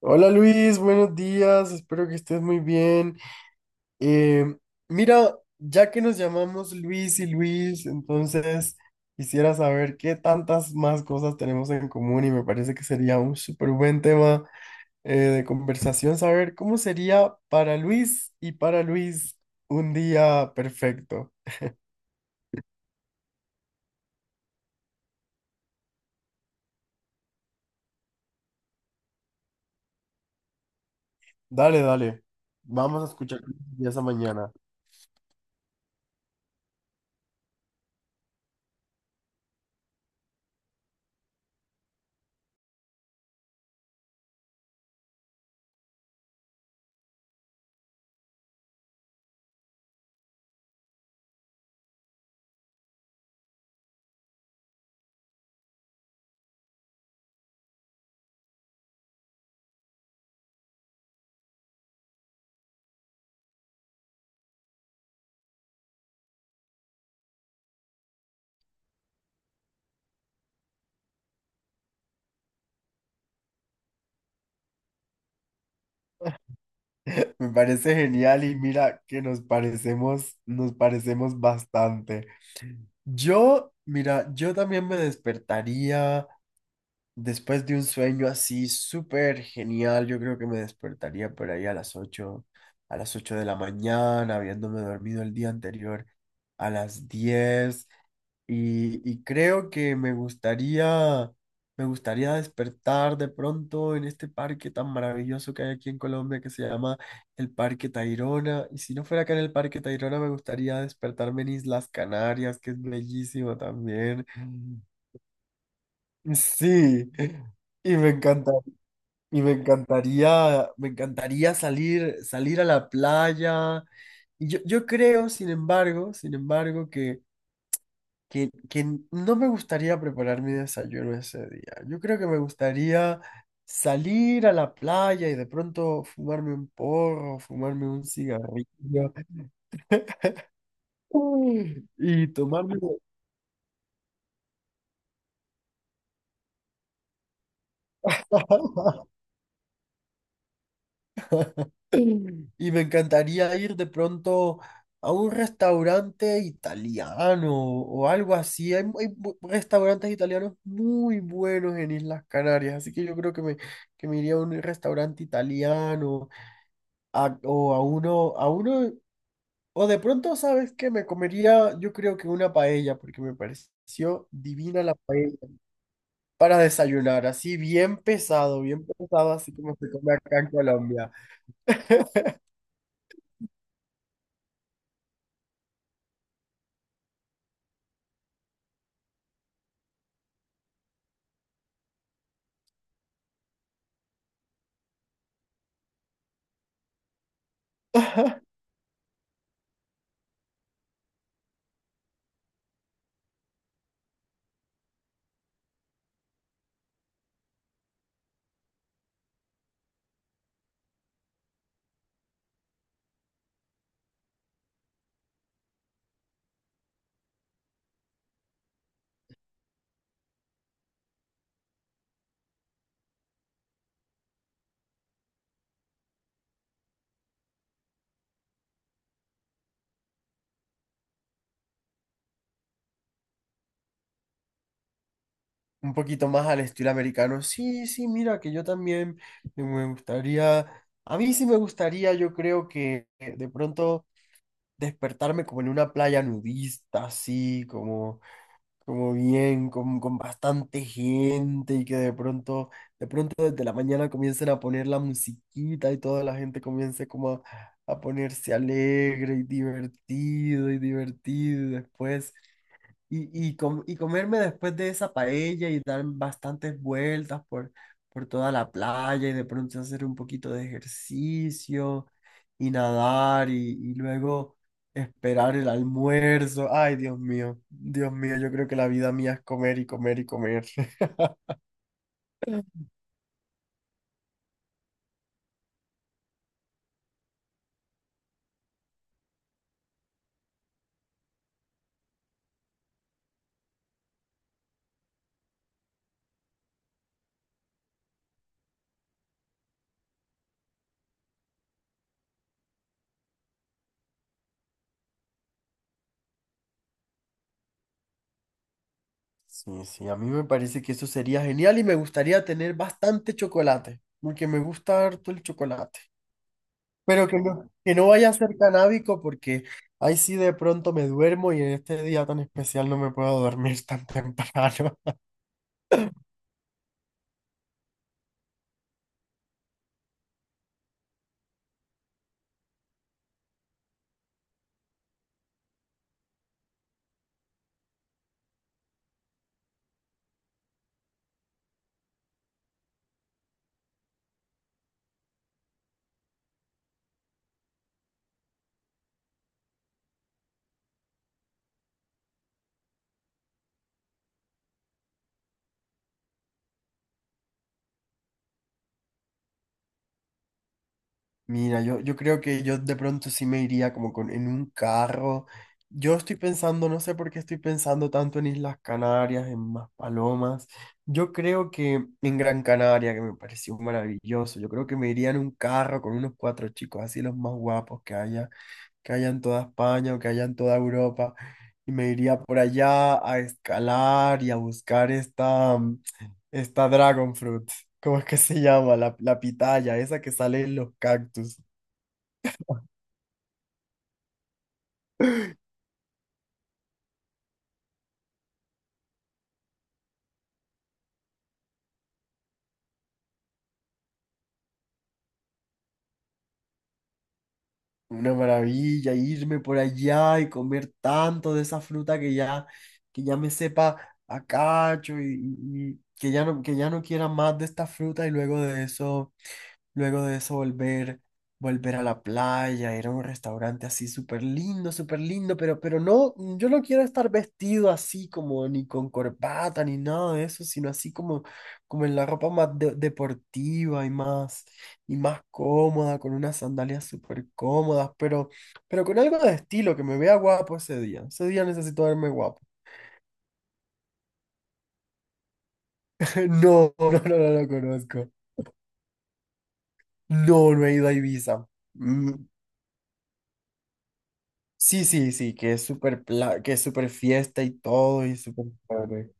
Hola Luis, buenos días, espero que estés muy bien. Eh, Mira, ya que nos llamamos Luis y Luis, entonces quisiera saber qué tantas más cosas tenemos en común y me parece que sería un súper buen tema de conversación, saber cómo sería para Luis y para Luis un día perfecto. Dale, dale, vamos a escuchar esa mañana. Me parece genial y mira que nos parecemos bastante. Yo, mira, yo también me despertaría después de un sueño así súper genial. Yo creo que me despertaría por ahí a las ocho de la mañana, habiéndome dormido el día anterior a las 10 y creo que me gustaría despertar de pronto en este parque tan maravilloso que hay aquí en Colombia que se llama el Parque Tayrona. Y si no fuera acá en el Parque Tayrona, me gustaría despertarme en Islas Canarias, que es bellísimo también. Mm. Sí, y me encanta, y me encantaría salir a la playa. Y yo creo, sin embargo, que no me gustaría preparar mi desayuno ese día. Yo creo que me gustaría salir a la playa y de pronto fumarme un porro, fumarme un cigarrillo y tomarme. Y me encantaría ir de pronto a un restaurante italiano o algo así. Hay restaurantes italianos muy buenos en Islas Canarias, así que yo creo que me iría a un restaurante italiano o a uno, o de pronto, ¿sabes qué? Me comería, yo creo que una paella, porque me pareció divina la paella para desayunar, así bien pesado, así como se come acá en Colombia, un poquito más al estilo americano. Sí, sí, mira, que yo también me gustaría, a mí sí me gustaría, yo creo que de pronto despertarme como en una playa nudista, así como como bien, con bastante gente y que de pronto desde la mañana comiencen a poner la musiquita y toda la gente comience como a ponerse alegre y divertido y divertido y después y comerme después de esa paella y dar bastantes vueltas por toda la playa y de pronto hacer un poquito de ejercicio y nadar y luego esperar el almuerzo. Ay, Dios mío, yo creo que la vida mía es comer y comer y comer. Sí, sí, a mí me parece que eso sería genial y me gustaría tener bastante chocolate, porque me gusta harto el chocolate. Pero que no vaya a ser canábico porque ahí sí de pronto me duermo y en este día tan especial no me puedo dormir tan temprano. Mira, yo creo que yo de pronto sí me iría como con, en un carro. Yo estoy pensando, no sé por qué estoy pensando tanto en Islas Canarias, en más palomas. Yo creo que en Gran Canaria, que me pareció maravilloso, yo creo que me iría en un carro con unos cuatro chicos, así los más guapos que haya en toda España o que haya en toda Europa, y me iría por allá a escalar y a buscar esta Dragon Fruit, ¿cómo es que se llama? La pitaya, esa que sale en los cactus. Una maravilla, irme por allá y comer tanto de esa fruta que ya me sepa a cacho y que ya no quiera más de esta fruta y luego de eso volver a la playa, ir a un restaurante así súper lindo, pero no, yo no quiero estar vestido así como ni con corbata ni nada de eso, sino así como, como en la ropa más deportiva y más cómoda, con unas sandalias súper cómodas, pero con algo de estilo, que me vea guapo ese día. Ese día necesito verme guapo. No, no, no, no lo conozco. No, no he ido a Ibiza. Mm, sí, sí, sí, que es que es súper fiesta y todo y súper chévere.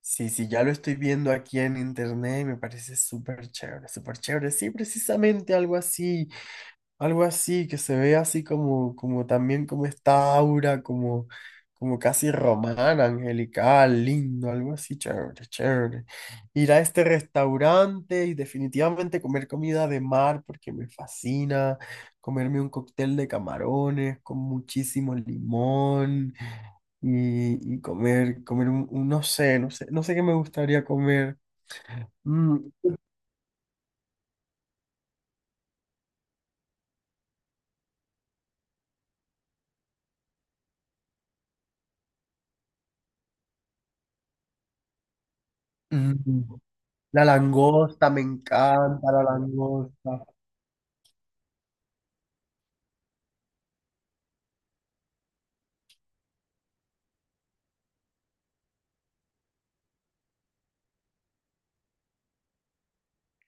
Sí, sí, ya lo estoy viendo aquí en internet y me parece súper chévere, súper chévere. Sí, precisamente algo así. Algo así, que se ve así como también como esta aura, como casi romana, angelical, lindo, algo así, chévere, chévere. Ir a este restaurante y definitivamente comer comida de mar porque me fascina, comerme un cóctel de camarones con muchísimo limón y comer no sé, no sé, no sé qué me gustaría comer. Mm, mm, la langosta, me encanta la langosta.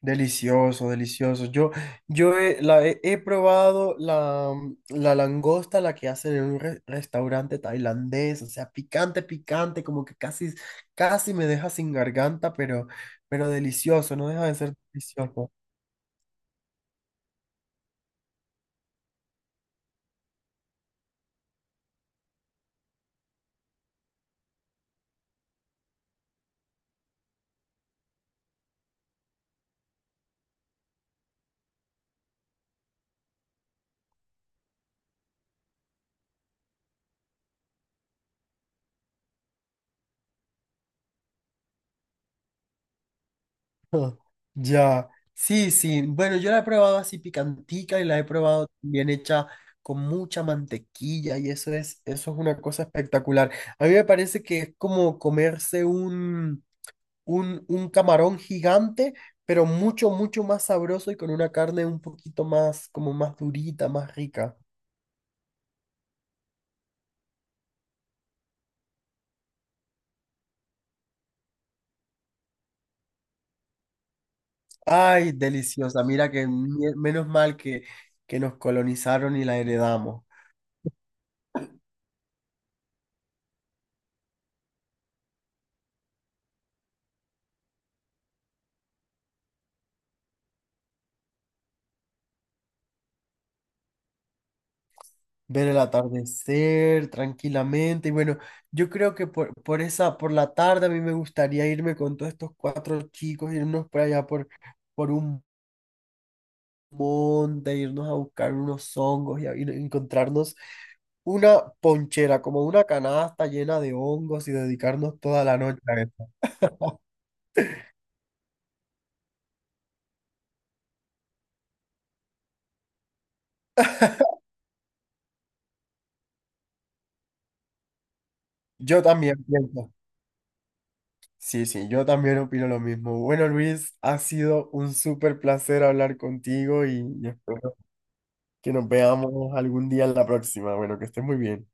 Delicioso, delicioso. Yo he probado la langosta, la que hacen en un restaurante tailandés, o sea, picante, picante, como que casi, casi me deja sin garganta, pero delicioso, no deja de ser delicioso. Ya, sí, sí. Bueno, yo la he probado así picantica y la he probado bien hecha con mucha mantequilla y eso es una cosa espectacular. A mí me parece que es como comerse un camarón gigante, pero mucho, mucho más sabroso y con una carne un poquito más, como más durita, más rica. Ay, deliciosa. Mira que menos mal que, nos colonizaron y la heredamos. Ver el atardecer tranquilamente. Y bueno, yo creo que por la tarde a mí me gustaría irme con todos estos cuatro chicos, irnos por allá por un monte, irnos a buscar unos hongos y encontrarnos una ponchera, como una canasta llena de hongos y dedicarnos toda la noche a eso. Yo también pienso. Sí, sí, yo también opino lo mismo. Bueno, Luis, ha sido un súper placer hablar contigo y espero que nos veamos algún día en la próxima. Bueno, que estés muy bien.